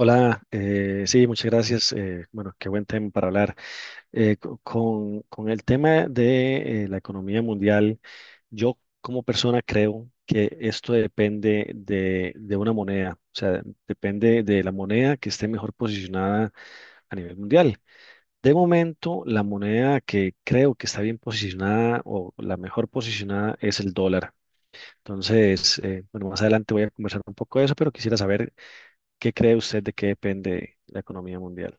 Hola, sí, muchas gracias. Bueno, Qué buen tema para hablar. Con el tema de la economía mundial, yo como persona creo que esto depende de una moneda, o sea, depende de la moneda que esté mejor posicionada a nivel mundial. De momento, la moneda que creo que está bien posicionada o la mejor posicionada es el dólar. Entonces, bueno, más adelante voy a conversar un poco de eso, pero quisiera saber, ¿qué cree usted de qué depende la economía mundial?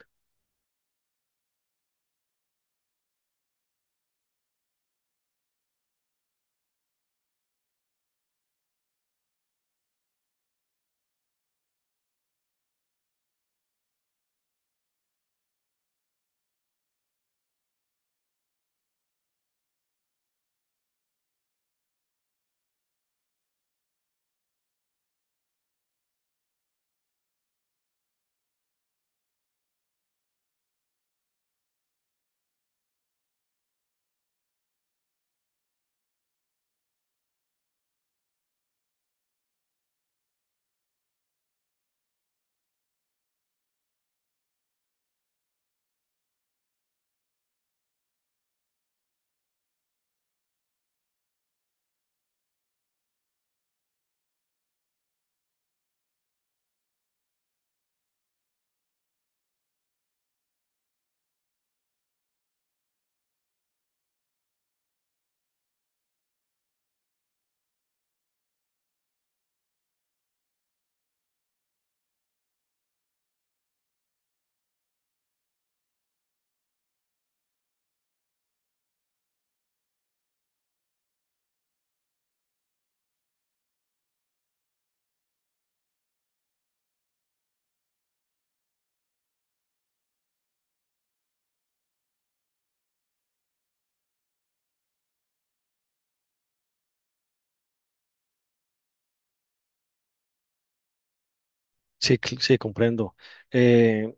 Sí, comprendo. Eh,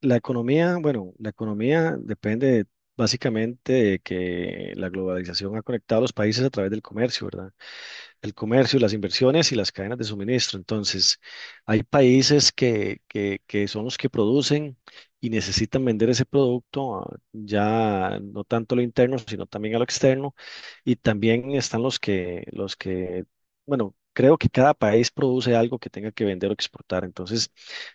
la economía, bueno, la economía depende básicamente de que la globalización ha conectado a los países a través del comercio, ¿verdad? El comercio, las inversiones y las cadenas de suministro. Entonces, hay países que son los que producen y necesitan vender ese producto, ya no tanto a lo interno, sino también a lo externo. Y también están bueno, creo que cada país produce algo que tenga que vender o exportar. Entonces,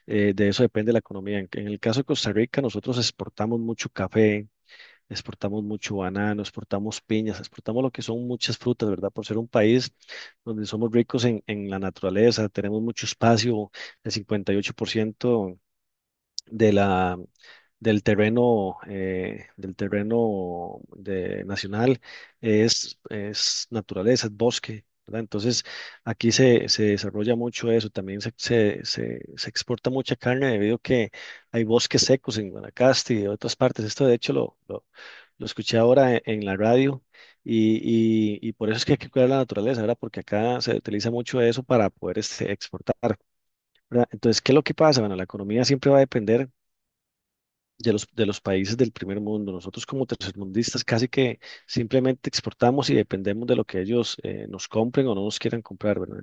de eso depende la economía. En el caso de Costa Rica, nosotros exportamos mucho café, exportamos mucho banano, exportamos piñas, exportamos lo que son muchas frutas, ¿verdad? Por ser un país donde somos ricos en la naturaleza, tenemos mucho espacio. El 58% de la, del terreno nacional es naturaleza, es bosque, ¿verdad? Entonces, aquí se desarrolla mucho eso, también se exporta mucha carne debido a que hay bosques secos en Guanacaste y en otras partes. Esto, de hecho, lo escuché ahora en la radio. Y por eso es que hay que cuidar la naturaleza, ¿verdad? Porque acá se utiliza mucho eso para poder este, exportar, ¿verdad? Entonces, ¿qué es lo que pasa? Bueno, la economía siempre va a depender de los países del primer mundo. Nosotros como tercermundistas casi que simplemente exportamos y dependemos de lo que ellos nos compren o no nos quieran comprar, ¿verdad?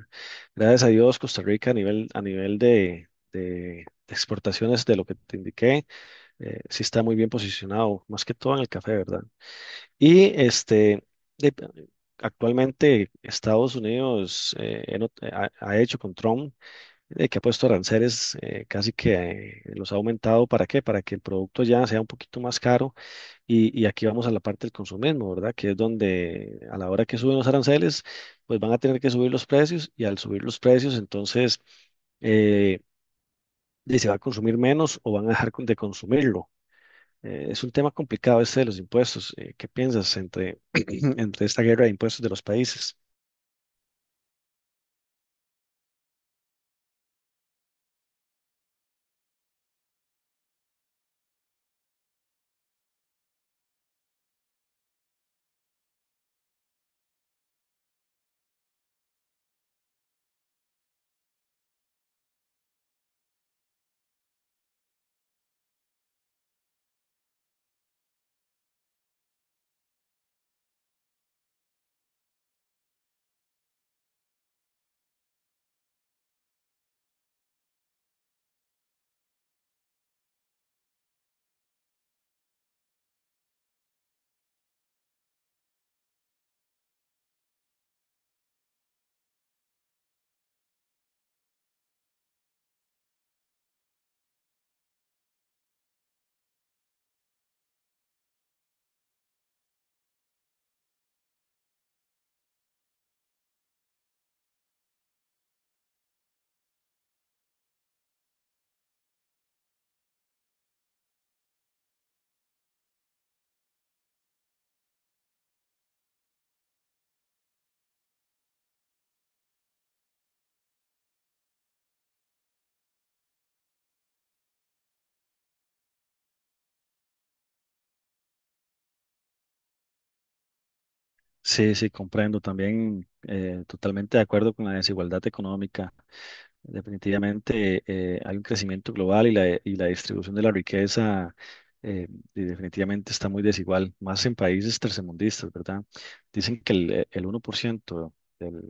Gracias a Dios, Costa Rica a nivel de exportaciones de lo que te indiqué, sí está muy bien posicionado, más que todo en el café, ¿verdad? Y este... de- Actualmente, Estados Unidos he not- ha, ha hecho con Trump, que ha puesto aranceles, casi que los ha aumentado. ¿Para qué? Para que el producto ya sea un poquito más caro. Y aquí vamos a la parte del consumismo, ¿verdad? Que es donde a la hora que suben los aranceles, pues van a tener que subir los precios, y al subir los precios, entonces, eh, se va a consumir menos o van a dejar de consumirlo. Es un tema complicado este de los impuestos. ¿Qué piensas entre esta guerra de impuestos de los países? Sí, sí, comprendo. También, totalmente de acuerdo con la desigualdad económica. Definitivamente, hay un crecimiento global y la distribución de la riqueza, eh, y definitivamente está muy desigual, más en países tercermundistas, ¿verdad? Dicen que el 1% del-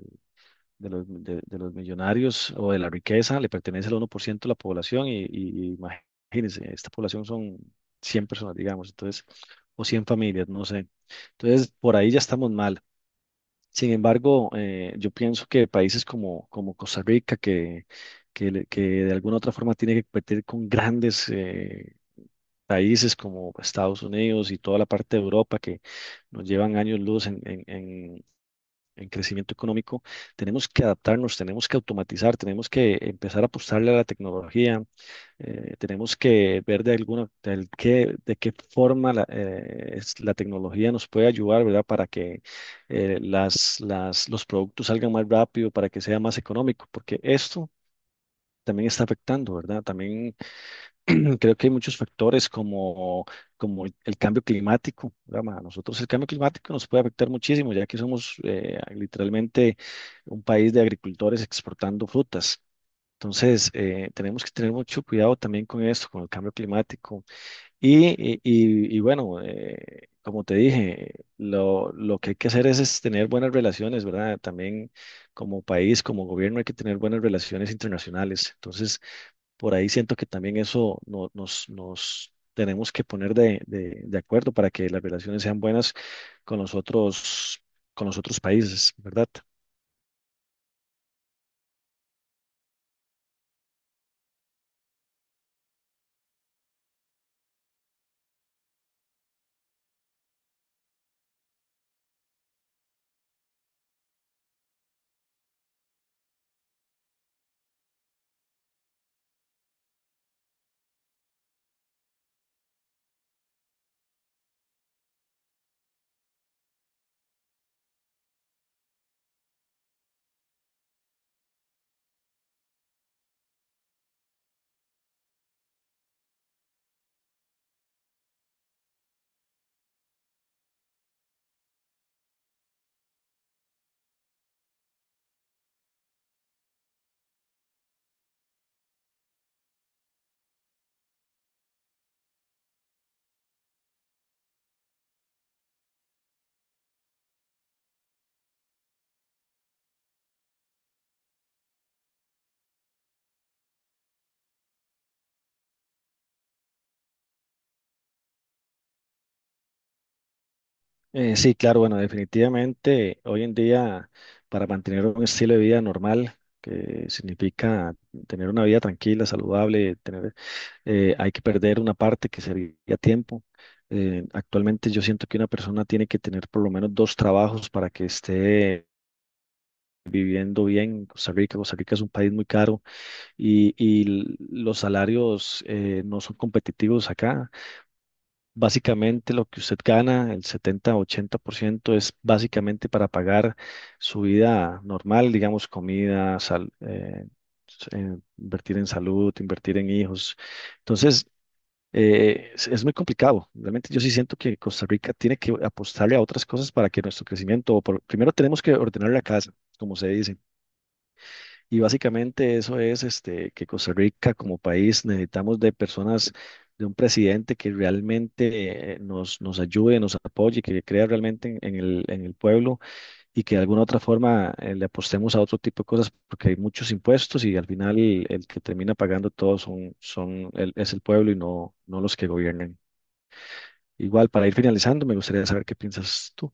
de los millonarios o de la riqueza le pertenece al uno por ciento de la población y, imagínense, esta población son 100 personas, digamos, entonces, o 100 familias, no sé. Entonces, por ahí ya estamos mal. Sin embargo, yo pienso que países como Costa Rica, que de alguna u otra forma tiene que competir con grandes, países como Estados Unidos y toda la parte de Europa, que nos llevan años luz en crecimiento económico. Tenemos que adaptarnos, tenemos que automatizar, tenemos que empezar a apostarle a la tecnología. Tenemos que ver de alguna, de, al- qué, de qué forma la tecnología nos puede ayudar, ¿verdad? Para que los productos salgan más rápido, para que sea más económico, porque esto también está afectando, ¿verdad? También, creo que hay muchos factores como el cambio climático, ¿verdad? Ma? A nosotros el cambio climático nos puede afectar muchísimo, ya que somos literalmente un país de agricultores exportando frutas. Entonces, tenemos que tener mucho cuidado también con esto, con el cambio climático. Y bueno, como te dije, lo que hay que hacer es tener buenas relaciones, ¿verdad? También, como país, como gobierno, hay que tener buenas relaciones internacionales. Entonces, por ahí siento que también eso nos tenemos que poner de acuerdo para que las relaciones sean buenas con los otros, con los otros países, ¿verdad? Sí, claro, bueno, definitivamente hoy en día, para mantener un estilo de vida normal, que significa tener una vida tranquila, saludable, hay que perder una parte que sería tiempo. Actualmente, yo siento que una persona tiene que tener por lo menos 2 trabajos para que esté viviendo bien en Costa Rica. Costa Rica es un país muy caro, y los salarios, no son competitivos acá. Básicamente, lo que usted gana, el 70-80%, es básicamente para pagar su vida normal, digamos, comida, invertir en salud, invertir en hijos. Entonces, es muy complicado. Realmente yo sí siento que Costa Rica tiene que apostarle a otras cosas para que nuestro crecimiento, primero tenemos que ordenar la casa, como se dice. Y básicamente eso es este, que Costa Rica como país necesitamos de personas, de un presidente que realmente nos ayude, nos apoye, que crea realmente en el pueblo, y que de alguna otra forma, le apostemos a otro tipo de cosas, porque hay muchos impuestos y al final el que termina pagando todo es el pueblo y no los que gobiernan. Igual, para ir finalizando, me gustaría saber qué piensas tú.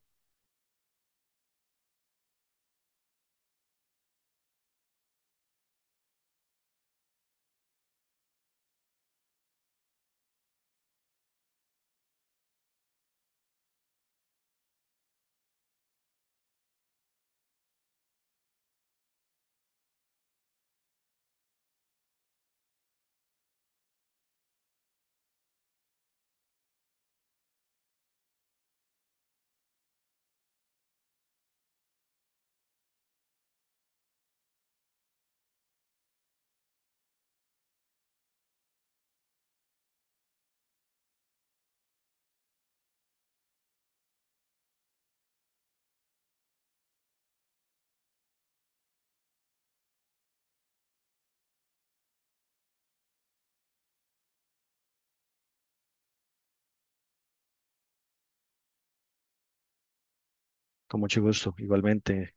Con mucho gusto. Igualmente,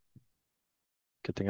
que tengas.